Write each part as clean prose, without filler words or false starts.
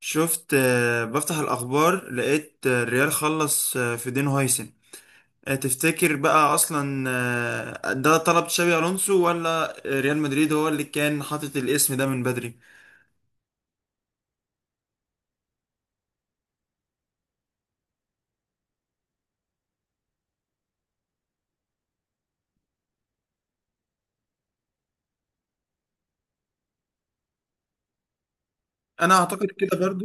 شفت بفتح الأخبار لقيت الريال خلص في دين هايسن. تفتكر بقى أصلا ده طلب تشابي ألونسو ولا ريال مدريد هو اللي كان حاطط الاسم ده من بدري؟ أنا أعتقد كده برضو.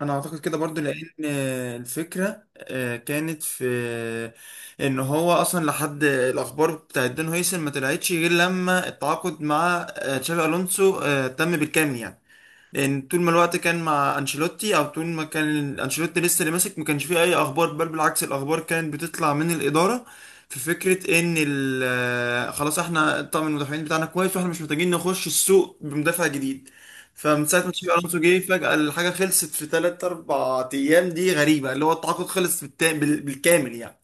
أنا أعتقد كده برضو لأن الفكرة كانت في إن هو أصلا لحد الأخبار بتاع دين هايسن ما طلعتش غير لما التعاقد مع تشابي ألونسو تم بالكامل يعني. لان طول ما الوقت كان مع انشيلوتي او طول ما كان انشيلوتي لسه اللي ماسك ما كانش فيه اي اخبار، بل بالعكس الاخبار كانت بتطلع من الاداره في فكره ان خلاص احنا طقم المدافعين بتاعنا كويس واحنا مش محتاجين نخش السوق بمدافع جديد. فمن ساعه ما تشافي الونسو جه فجاه الحاجه خلصت في 3 4 ايام، دي غريبه، اللي هو التعاقد خلص بالكامل يعني.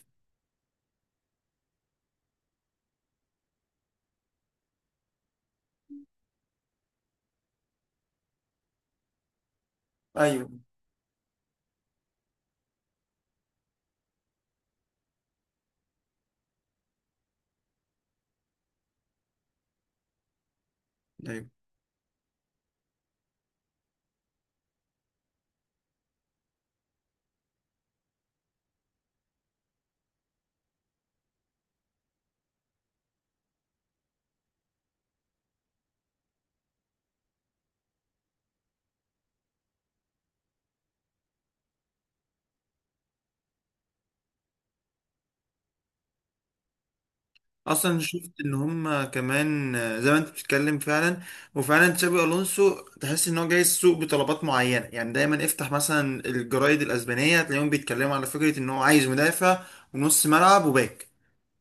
ايوه، اصلا شفت ان هم كمان زي ما انت بتتكلم فعلا. وفعلا تشابي الونسو تحس ان هو جاي السوق بطلبات معينه، يعني دايما افتح مثلا الجرايد الاسبانيه تلاقيهم بيتكلموا على فكره ان هو عايز مدافع ونص ملعب وباك،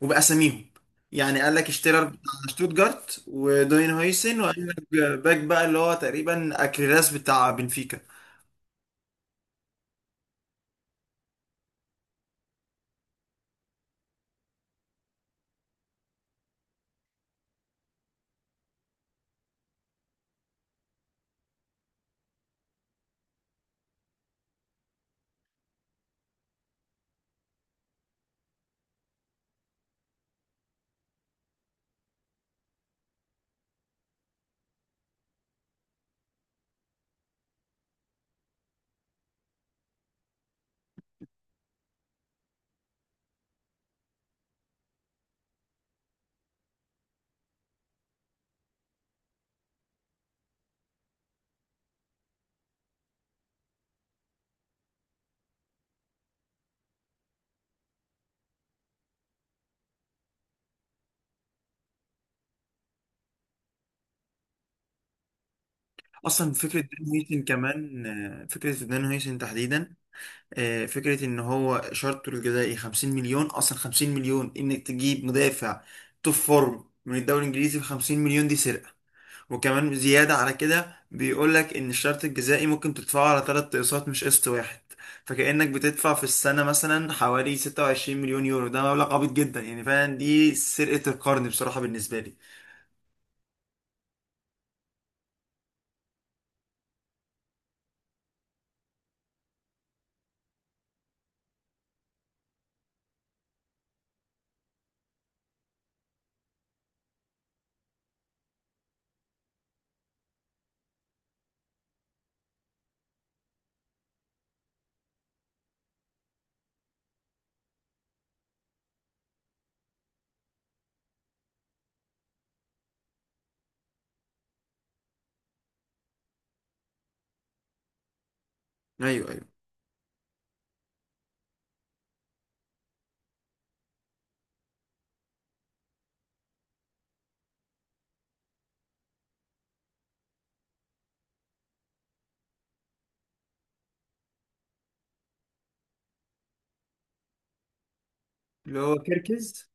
وباساميهم. يعني قال لك اشتيرر بتاع شتوتجارت وداين هويسن، وقال لك باك بقى اللي هو تقريبا اكريلاس بتاع بنفيكا. اصلا فكره داين هويسن كمان، فكره داين هويسن تحديدا، فكرة ان هو شرطه الجزائي 50 مليون، اصلا 50 مليون انك تجيب مدافع توب فورم من الدوري الانجليزي ب 50 مليون دي سرقة. وكمان زيادة على كده بيقول لك ان الشرط الجزائي ممكن تدفعه على ثلاث اقساط مش قسط واحد، فكأنك بتدفع في السنة مثلا حوالي 26 مليون يورو. ده مبلغ عبيط جدا يعني، فعلا دي سرقة القرن بصراحة بالنسبة لي. ايوه، ايوه، اللي هو كيركز.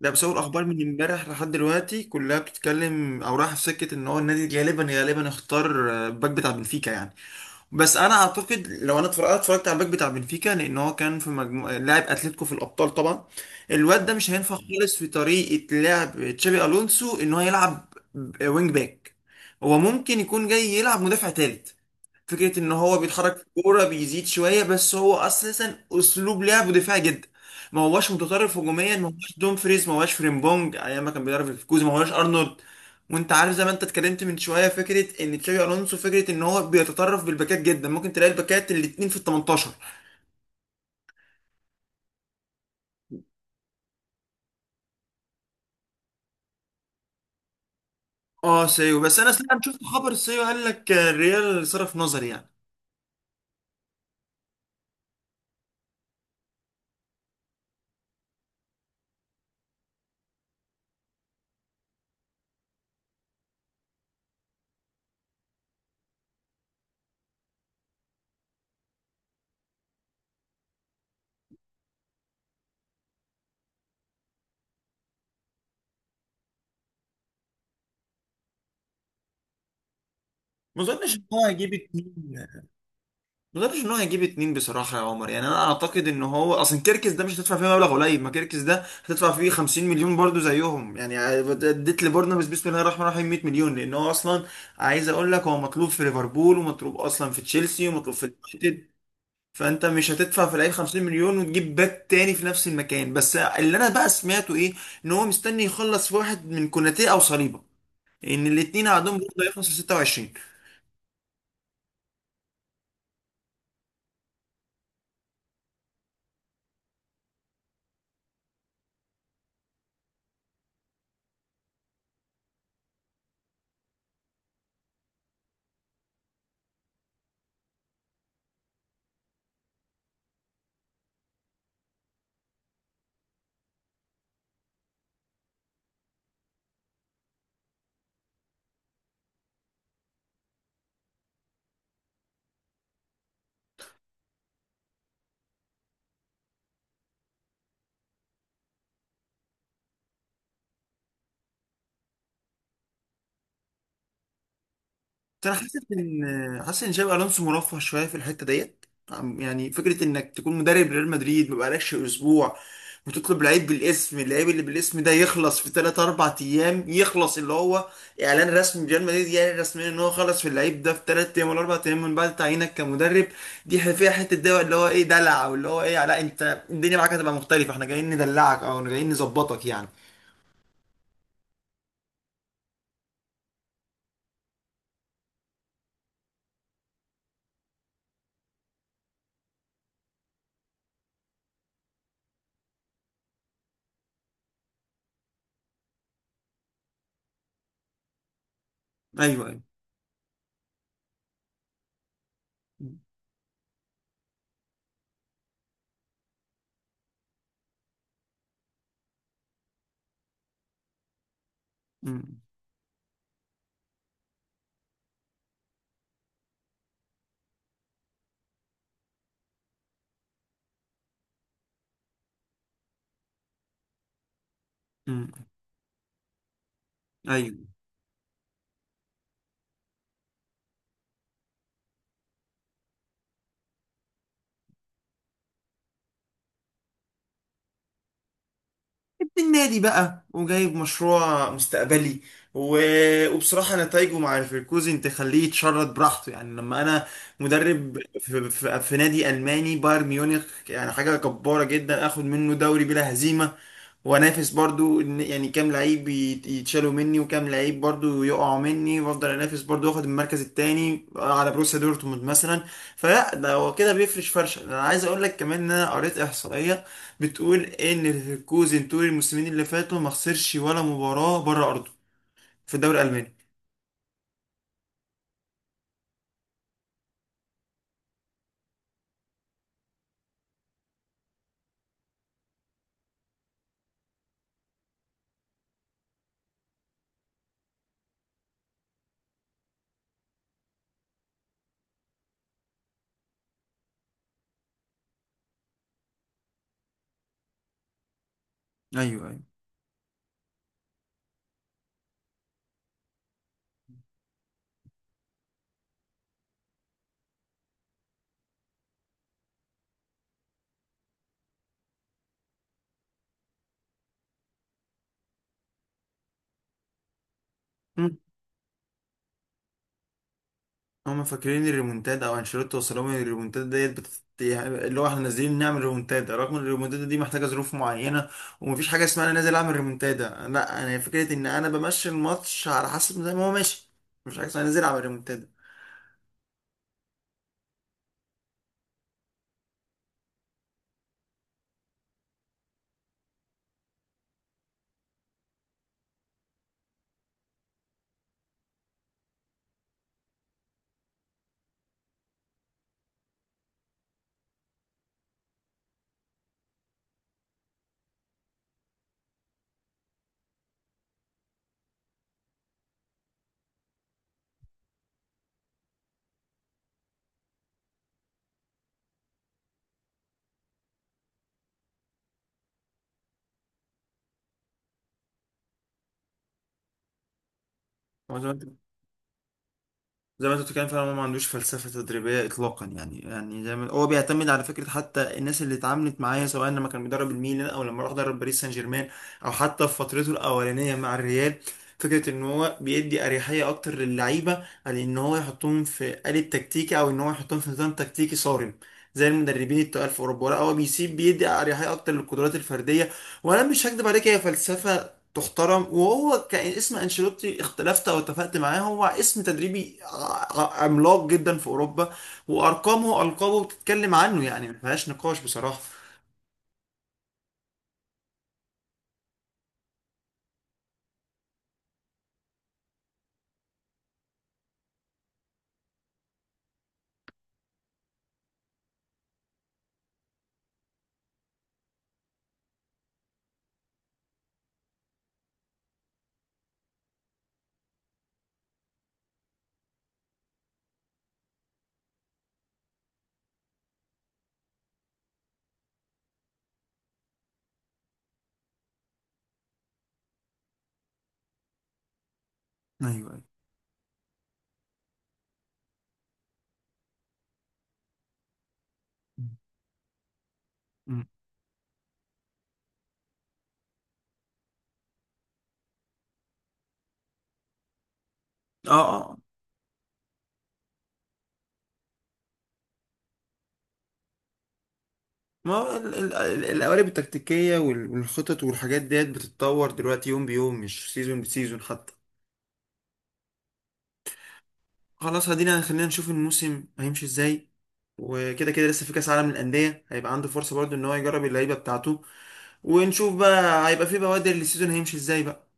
لا بس هو الاخبار من امبارح لحد دلوقتي كلها بتتكلم او رايحه في سكه ان هو النادي غالبا غالبا اختار الباك بتاع بنفيكا يعني. بس انا اعتقد لو انا اتفرجت على الباك بتاع بنفيكا، لان هو كان في مجموعه لاعب اتلتيكو في الابطال طبعا، الواد ده مش هينفع خالص في طريقه لعب تشابي الونسو ان هو يلعب وينج باك. هو ممكن يكون جاي يلعب مدافع تالت، فكرة ان هو بيتحرك في الكورة بيزيد شوية، بس هو اساسا اسلوب لعبه دفاعي جدا. ما هواش متطرف هجوميا، ما هواش دومفريز، ما هواش فريمبونج ايام ما كان بيدرب في كوزا، ما هواش ارنولد. وانت عارف زي ما انت اتكلمت من شوية فكرة ان تشابي الونسو فكرة ان هو بيتطرف بالباكات جدا، ممكن تلاقي الباكات الاتنين في ال 18. اه، سيو، بس انا سمعت شفت خبر سيو قال لك الريال صرف نظر يعني. ما اظنش ان هو هيجيب اتنين. ما اظنش ان هو هيجيب اتنين بصراحه يا عمر، يعني انا اعتقد ان هو اصلا كيركس ده مش هتدفع فيه مبلغ قليل، ما كيركس ده هتدفع فيه 50 مليون برضو زيهم، يعني اديت لبورنموث بسم الله الرحمن الرحيم 100 مليون. لان هو اصلا عايز اقول لك هو مطلوب في ليفربول ومطلوب اصلا في تشيلسي ومطلوب في اليونايتد. فانت مش هتدفع في اللعيب 50 مليون وتجيب باك تاني في نفس المكان. بس اللي انا بقى سمعته ايه ان هو مستني يخلص في واحد من كوناتي او صليبه، ان الاتنين عندهم برضه هيخلصوا 26. بس انا حاسس ان، حاسس ان شابي الونسو مرفه شويه في الحته ديت. يعني فكره انك تكون مدرب ريال مدريد ما بقالكش اسبوع وتطلب لعيب بالاسم، اللعيب اللي بالاسم ده يخلص في 3 4 ايام، يخلص اللي هو اعلان رسمي ريال مدريد يعني رسميا ان هو خلص في اللعيب ده في 3 ايام ولا 4 ايام من بعد تعيينك كمدرب. دي فيها حته دواء اللي هو ايه دلع، واللي هو ايه لا انت الدنيا معاك هتبقى مختلفه، احنا جايين ندلعك او جايين نظبطك يعني. ايوه، ايوه. م- م- م- ايوه ابن النادي بقى وجايب مشروع مستقبلي. و... وبصراحة نتائجه مع ليفركوزن تخليه يتشرد براحته يعني. لما أنا مدرب في نادي ألماني بايرن ميونخ يعني حاجة جبارة جدا آخد منه دوري بلا هزيمة وأنافس برضو يعني كام لعيب يتشالوا مني وكام لعيب برضو يقعوا مني وأفضل أنافس برضو وآخد المركز التاني على بروسيا دورتموند مثلا. فلا، ده هو كده بيفرش فرشة. أنا عايز أقول لك كمان إن أنا قريت إحصائية بتقول ان ليفركوزن طول الموسمين اللي فاتوا ما خسرش ولا مباراة بره ارضه في الدوري الالماني. ايوه، ايوه. مم. هما فاكرين الريمونتادا، او انشيلوتي وصل لهم إن الريمونتادا ديت اللي هو احنا نازلين نعمل ريمونتادا، رغم ان الريمونتادا دي محتاجه ظروف معينه، ومفيش حاجه اسمها انا نازل اعمل ريمونتادا. لا، انا فكره ان انا بمشي الماتش على حسب زي ما هو ماشي، مفيش حاجه اسمها نازل اعمل ريمونتادا. زي ما انت بتتكلم فعلا هو ما عندوش فلسفة تدريبية إطلاقا، يعني زي ما هو بيعتمد على فكرة حتى الناس اللي اتعاملت معايا سواء لما كان بيدرب الميلان أو لما راح درب باريس سان جيرمان أو حتى في فترته الأولانية مع الريال، فكرة إن هو بيدي أريحية أكتر للعيبة على إن هو يحطهم في آلة تكتيكي أو إن هو يحطهم في نظام تكتيكي صارم زي المدربين التقال في أوروبا. لا هو بيسيب، بيدي أريحية أكتر للقدرات الفردية. وأنا مش هكدب عليك هي فلسفة تحترم، وهو كان اسم انشيلوتي، اختلفت او اتفقت معاه هو اسم تدريبي عملاق جدا في اوروبا، وارقامه القابه بتتكلم عنه يعني ما فيهاش نقاش بصراحه. ايوه، ايوه. مم. اه، اه، ما هو ال- القوالب التكتيكيه والخطط والحاجات ديت بتتطور دلوقتي يوم بيوم مش سيزون بسيزون حتى. خلاص، خلينا نشوف الموسم هيمشي ازاي. وكده كده لسه في كاس عالم للانديه هيبقى عنده فرصه برضو ان هو يجرب اللعيبه بتاعته، ونشوف بقى هيبقى في بوادر للسيزون هيمشي ازاي بقى.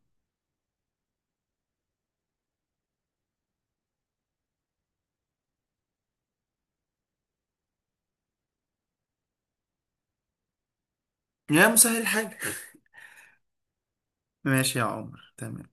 يا مسهل الحاجه. ماشي يا عمر، تمام.